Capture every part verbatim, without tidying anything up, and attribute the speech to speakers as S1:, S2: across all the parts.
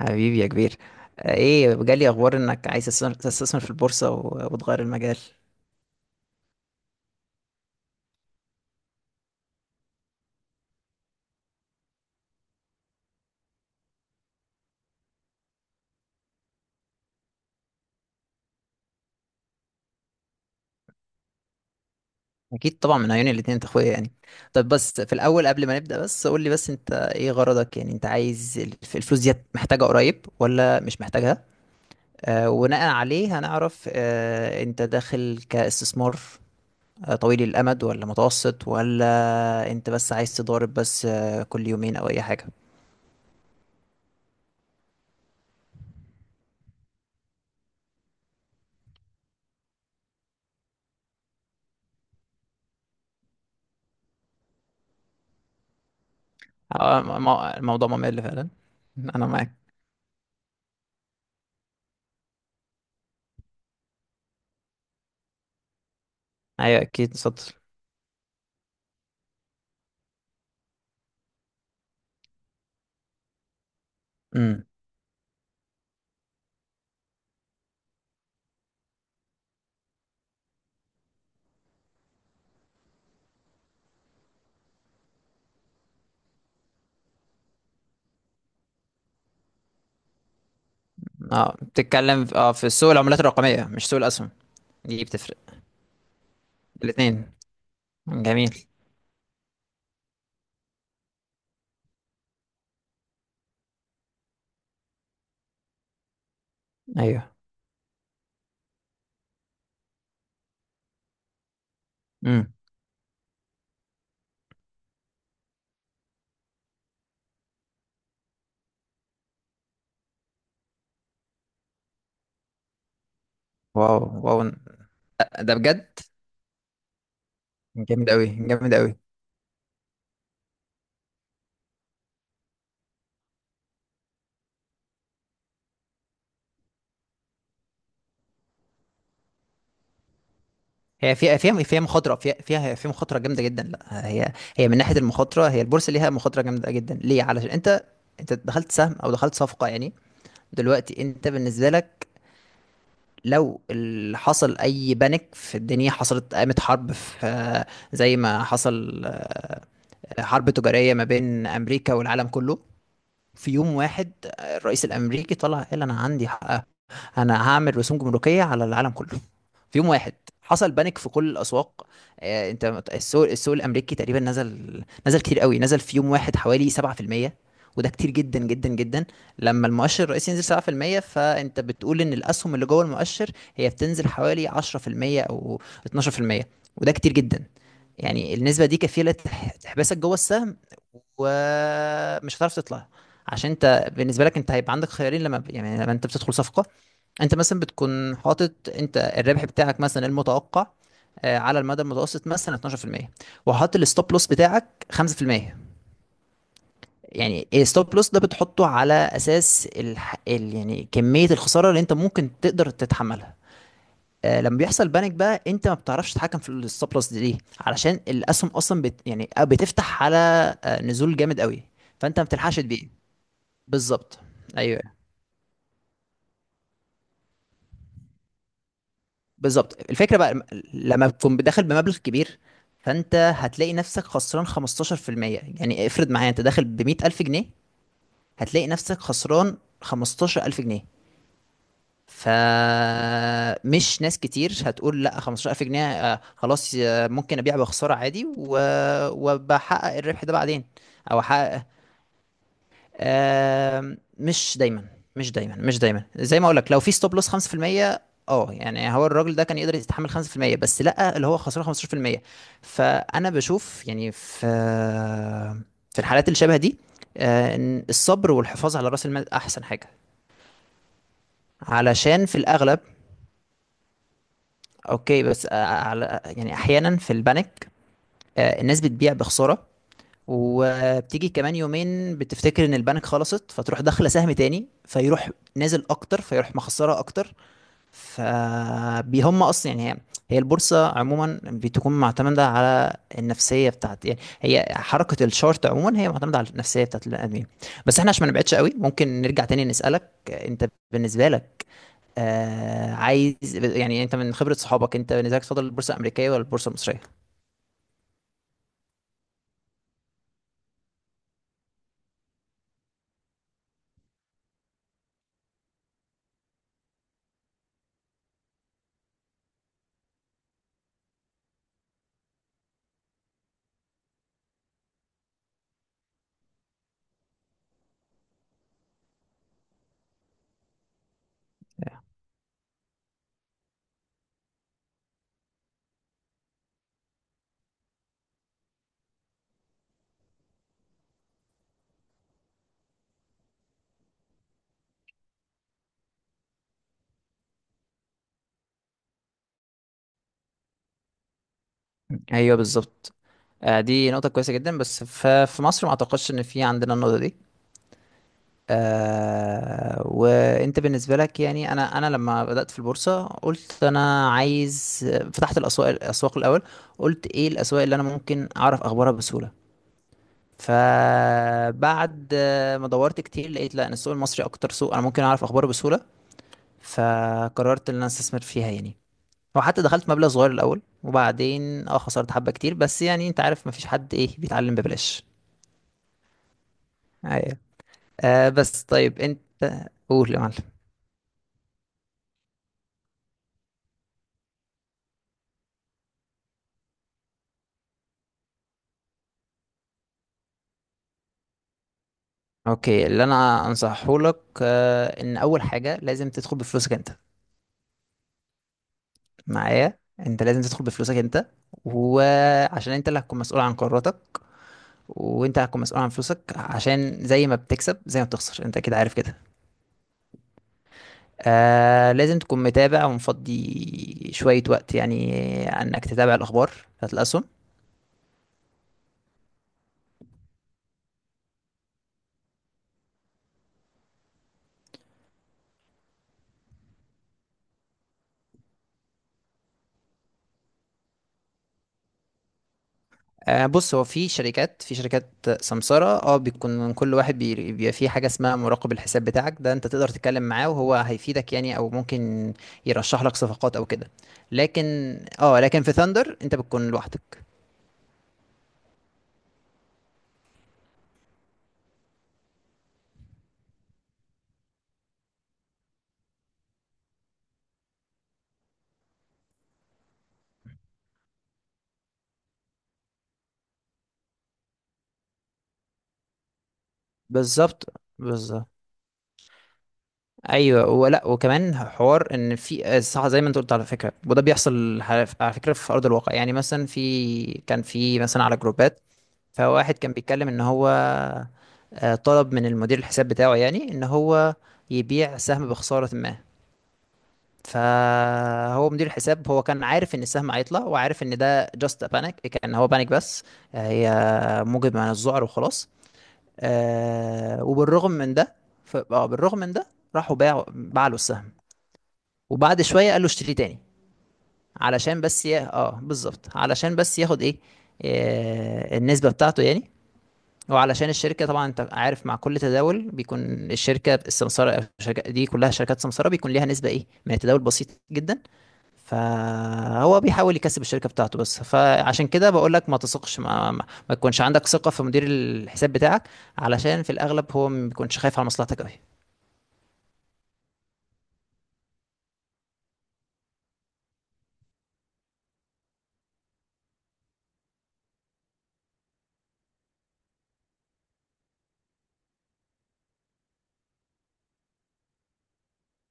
S1: حبيبي يا كبير. آه، ايه جالي اخبار انك عايز تستثمر تستثمر في البورصة و- وتغير المجال. اكيد طبعا، من عيون الاتنين، انت اخويا يعني. طب بس في الاول قبل ما نبدأ، بس قول لي بس، انت ايه غرضك؟ يعني انت عايز، الف- الفلوس دي محتاجة قريب ولا مش محتاجها؟ آه وبناء عليه هنعرف، آه انت داخل كاستثمار آه، طويل الامد ولا متوسط، ولا انت بس عايز تضارب بس آه كل يومين او اي حاجة؟ آه، م- م- الموضوع ممل فعلا، انا معاك. ايوه اكيد، اتفضل. اه بتتكلم في- اه في سوق العملات الرقمية مش سوق الأسهم، دي بتفرق. الاتنين، جميل. ايوه. امم. واو. واو، ده ده بجد. جامد قوي، جامد قوي. هي فيها فيها فيها مخاطرة، فيها فيها فيها مخاطرة جامدة جدا. لا، هي هي من ناحية المخاطرة، هي البورصة ليها مخاطرة جامدة جدا. ليه؟ علشان انت، انت دخلت سهم او دخلت صفقة يعني. دلوقتي انت بالنسبة لك، لو ال- حصل اي بانيك في الدنيا، حصلت، قامت حرب في، زي ما حصل، آه، حرب تجارية ما بين أمريكا والعالم كله. في يوم واحد الرئيس الأمريكي طلع قال أنا عندي حق. أنا هعمل رسوم جمركية على العالم كله. في يوم واحد حصل بانيك في كل الاسواق. آه، انت السوق السوق الامريكي تقريبا نزل نزل كتير قوي، نزل في يوم واحد حوالي سبعة في المية، وده كتير جدا جدا جدا. لما المؤشر الرئيسي ينزل سبعة في المية، فانت بتقول ان الاسهم اللي جوه المؤشر هي بتنزل حوالي عشرة في المية او اثنا عشر في المية، وده كتير جدا. يعني النسبة دي كفيلة تح- تحبسك جوه السهم ومش هتعرف تطلع. عشان انت بالنسبة لك، انت هيبقى عندك خيارين لما، يعني لما انت بتدخل صفقة، انت مثلا بتكون حاطط انت الربح بتاعك مثلا المتوقع، آه، على المدى المتوسط مثلا اتناشر في المية، وحاطط الستوب لوس بتاعك خمسة في المية. يعني الستوب لوس ده بتحطه على اساس ال... ال... يعني كمية الخسارة اللي انت ممكن تقدر تتحملها. آه، لما بيحصل بانيك بقى، انت ما بتعرفش تتحكم في الستوب لوس دي. ليه؟ علشان الاسهم اصلا بت... يعني بتفتح على آه، نزول جامد قوي، فانت ما بتلحقش تبيع. بالظبط. ايوه بالظبط. الفكره بقى لما تكون داخل بمبلغ كبير، فانت هتلاقي نفسك خسران خمستاشر في المية. يعني افرض معايا، انت داخل ب مية الف جنيه، هتلاقي نفسك خسران خمستاشر الف جنيه. فمش ناس كتير هتقول لا خمستاشر الف جنيه، آه، خلاص، آه، ممكن ابيع بخساره عادي و- وبحقق الربح ده بعدين، او احقق. آم، مش دايما، مش دايما مش دايما، زي ما اقول لك، لو في ستوب لوس خمسة في المية، اه يعني هو الراجل ده كان يقدر يتحمل خمسة في المية بس، لا اللي هو خسران خمسة عشر في المية. فانا بشوف يعني في، في الحالات اللي شبه دي، آه، ان الصبر والحفاظ على راس المال احسن حاجه، علشان في الاغلب. اوكي بس، آه، على يعني احيانا في البانيك آه، الناس بتبيع بخساره، وبتيجي كمان يومين بتفتكر ان البنك خلصت، فتروح داخله سهم تاني، فيروح نازل اكتر، فيروح مخسره اكتر. فبيهم اصلا، يعني هي هي البورصه عموما بتكون معتمده على النفسيه بتاعت، يعني هي حركه الشارت عموما هي معتمده على النفسيه بتاعت البني ادمين. بس احنا عشان ما نبعدش قوي، ممكن نرجع تاني نسالك انت، بالنسبه لك، آه عايز يعني، انت من خبره صحابك، انت بالنسبه لك تفضل البورصه الامريكيه ولا البورصه المصريه؟ ايوه بالظبط. آه، دي نقطة كويسة جدا، بس ف- في مصر ما اعتقدش ان في عندنا النقطة دي. آه وانت بالنسبة لك، يعني انا انا لما بدأت في البورصة قلت انا عايز، فتحت الاسواق. الاسواق الاول، قلت ايه الاسواق اللي انا ممكن اعرف اخبارها بسهولة؟ فبعد آه، ما دورت كتير، لقيت لا، ان السوق المصري اكتر سوق انا ممكن اعرف اخباره بسهولة، فقررت ان انا استثمر فيها يعني. وحتى دخلت مبلغ صغير الاول وبعدين اه خسرت حبه كتير، بس يعني انت عارف مفيش حد ايه بيتعلم ببلاش. ايوه. آه بس طيب انت، قول يا معلم. اوكي، اللي انا انصحه لك آه ان اول حاجه لازم تدخل بفلوسك انت. معايا، انت لازم تدخل بفلوسك انت، وعشان انت اللي هتكون مسؤول عن قراراتك، وانت هتكون مسؤول عن فلوسك، عشان زي ما بتكسب زي ما بتخسر، انت كده عارف كده. آه لازم تكون متابع ومفضي شوية وقت، يعني انك تتابع الاخبار بتاعت الاسهم. آه، بص، هو في شركات، في شركات سمسارة، اه، بيكون كل واحد بي- بيبقى فيه حاجة اسمها مراقب الحساب بتاعك، ده انت تقدر تتكلم معاه وهو هيفيدك يعني، او ممكن يرشح لك صفقات او كده. لكن، اه لكن في ثاندر انت بتكون لوحدك. بالظبط. بالظبط. ايوه، ولا وكمان حوار، ان في آه، صح زي ما انت قلت على فكره، وده بيحصل على على فكره في ارض الواقع، يعني مثلا في، كان في مثلا على جروبات، فواحد كان بيتكلم ان هو آه، طلب من المدير الحساب بتاعه يعني ان هو يبيع سهم بخسارة ما. فهو مدير الحساب، هو كان عارف ان السهم هيطلع، وعارف ان ده جاست بانيك، كان هو بانيك بس، هي موجب من الذعر وخلاص. آه، وبالرغم من ده، ف- آه، بالرغم من ده، راحوا باعوا باع له السهم، وبعد شوية قال له اشتري تاني، علشان بس ي... اه بالظبط، علشان بس ياخد ايه، آه، النسبة بتاعته يعني. وعلشان الشركة، طبعا انت عارف، مع كل تداول بيكون، الشركة السمسارة أو الشركة، دي كلها شركات سمسارة، بيكون ليها نسبة ايه من التداول بسيط جدا. فهو بيحاول يكسب الشركة بتاعته بس، فعشان كده بقول لك ما تثقش، ما, ما, ما تكونش عندك ثقة في مدير الحساب بتاعك، علشان في الأغلب هو ما بيكونش خايف على مصلحتك قوي.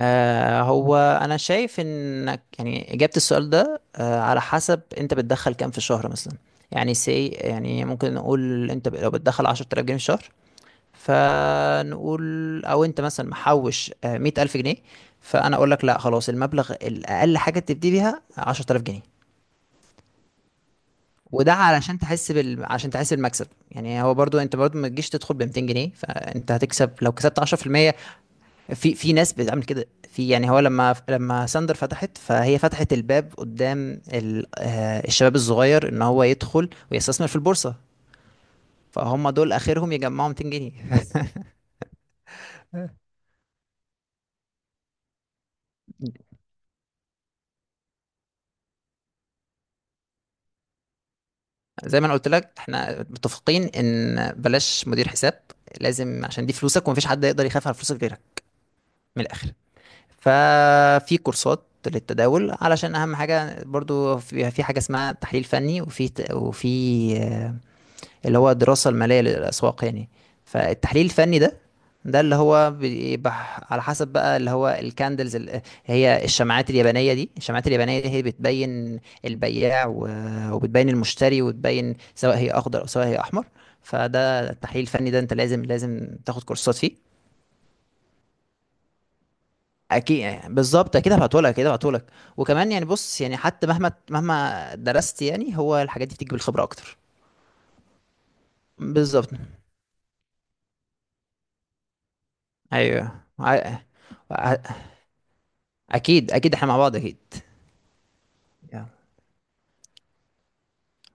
S1: آه هو أنا شايف إنك، يعني إجابة السؤال ده آه على حسب أنت بتدخل كام في الشهر مثلا. يعني سي، يعني ممكن نقول أنت ب- لو بتدخل عشر تلاف جنيه في الشهر، فنقول، او انت مثلا محوش آه، مية الف جنيه، فانا اقول لك لا خلاص، المبلغ الاقل حاجه تبتدي بيها عشرة آلاف جنيه. وده علشان تحس بال... عشان تحس المكسب يعني. هو برضو انت برضو ما تجيش تدخل ب مائتين جنيه، فانت هتكسب لو كسبت عشرة في المية في المية. في في ناس بتعمل كده، في يعني هو لما لما ساندر فتحت، فهي فتحت الباب قدام ال... آه، الشباب الصغير ان هو يدخل ويستثمر في البورصه، فهم دول اخرهم يجمعوا ميتين جنيه. زي ما انا قلت لك، احنا متفقين ان بلاش مدير حساب، لازم، عشان دي فلوسك ومفيش حد يقدر يخاف على فلوسك غيرك. من الاخر، ففي كورسات للتداول علشان اهم حاجه، برضو في في حاجه اسمها تحليل فني، وفي ت- وفي اللي هو الدراسة المالية للأسواق يعني. فالتحليل الفني ده، ده اللي هو بيبقى على حسب بقى، اللي هو الكاندلز، اللي هي الشمعات اليابانية. دي الشمعات اليابانية دي هي بتبين البياع و- وبتبين المشتري، وتبين سواء هي أخضر أو سواء هي أحمر. فده التحليل الفني، ده أنت لازم لازم تاخد كورسات فيه. أكيد، بالظبط، أكيد هبعتهولك، أكيد هبعتهولك. وكمان، يعني بص، يعني حتى مهما مهما درست، يعني هو الحاجات دي بتيجي بالخبرة أكتر. بالظبط. أيوه ع- اكيد، اكيد احنا مع بعض اكيد. يا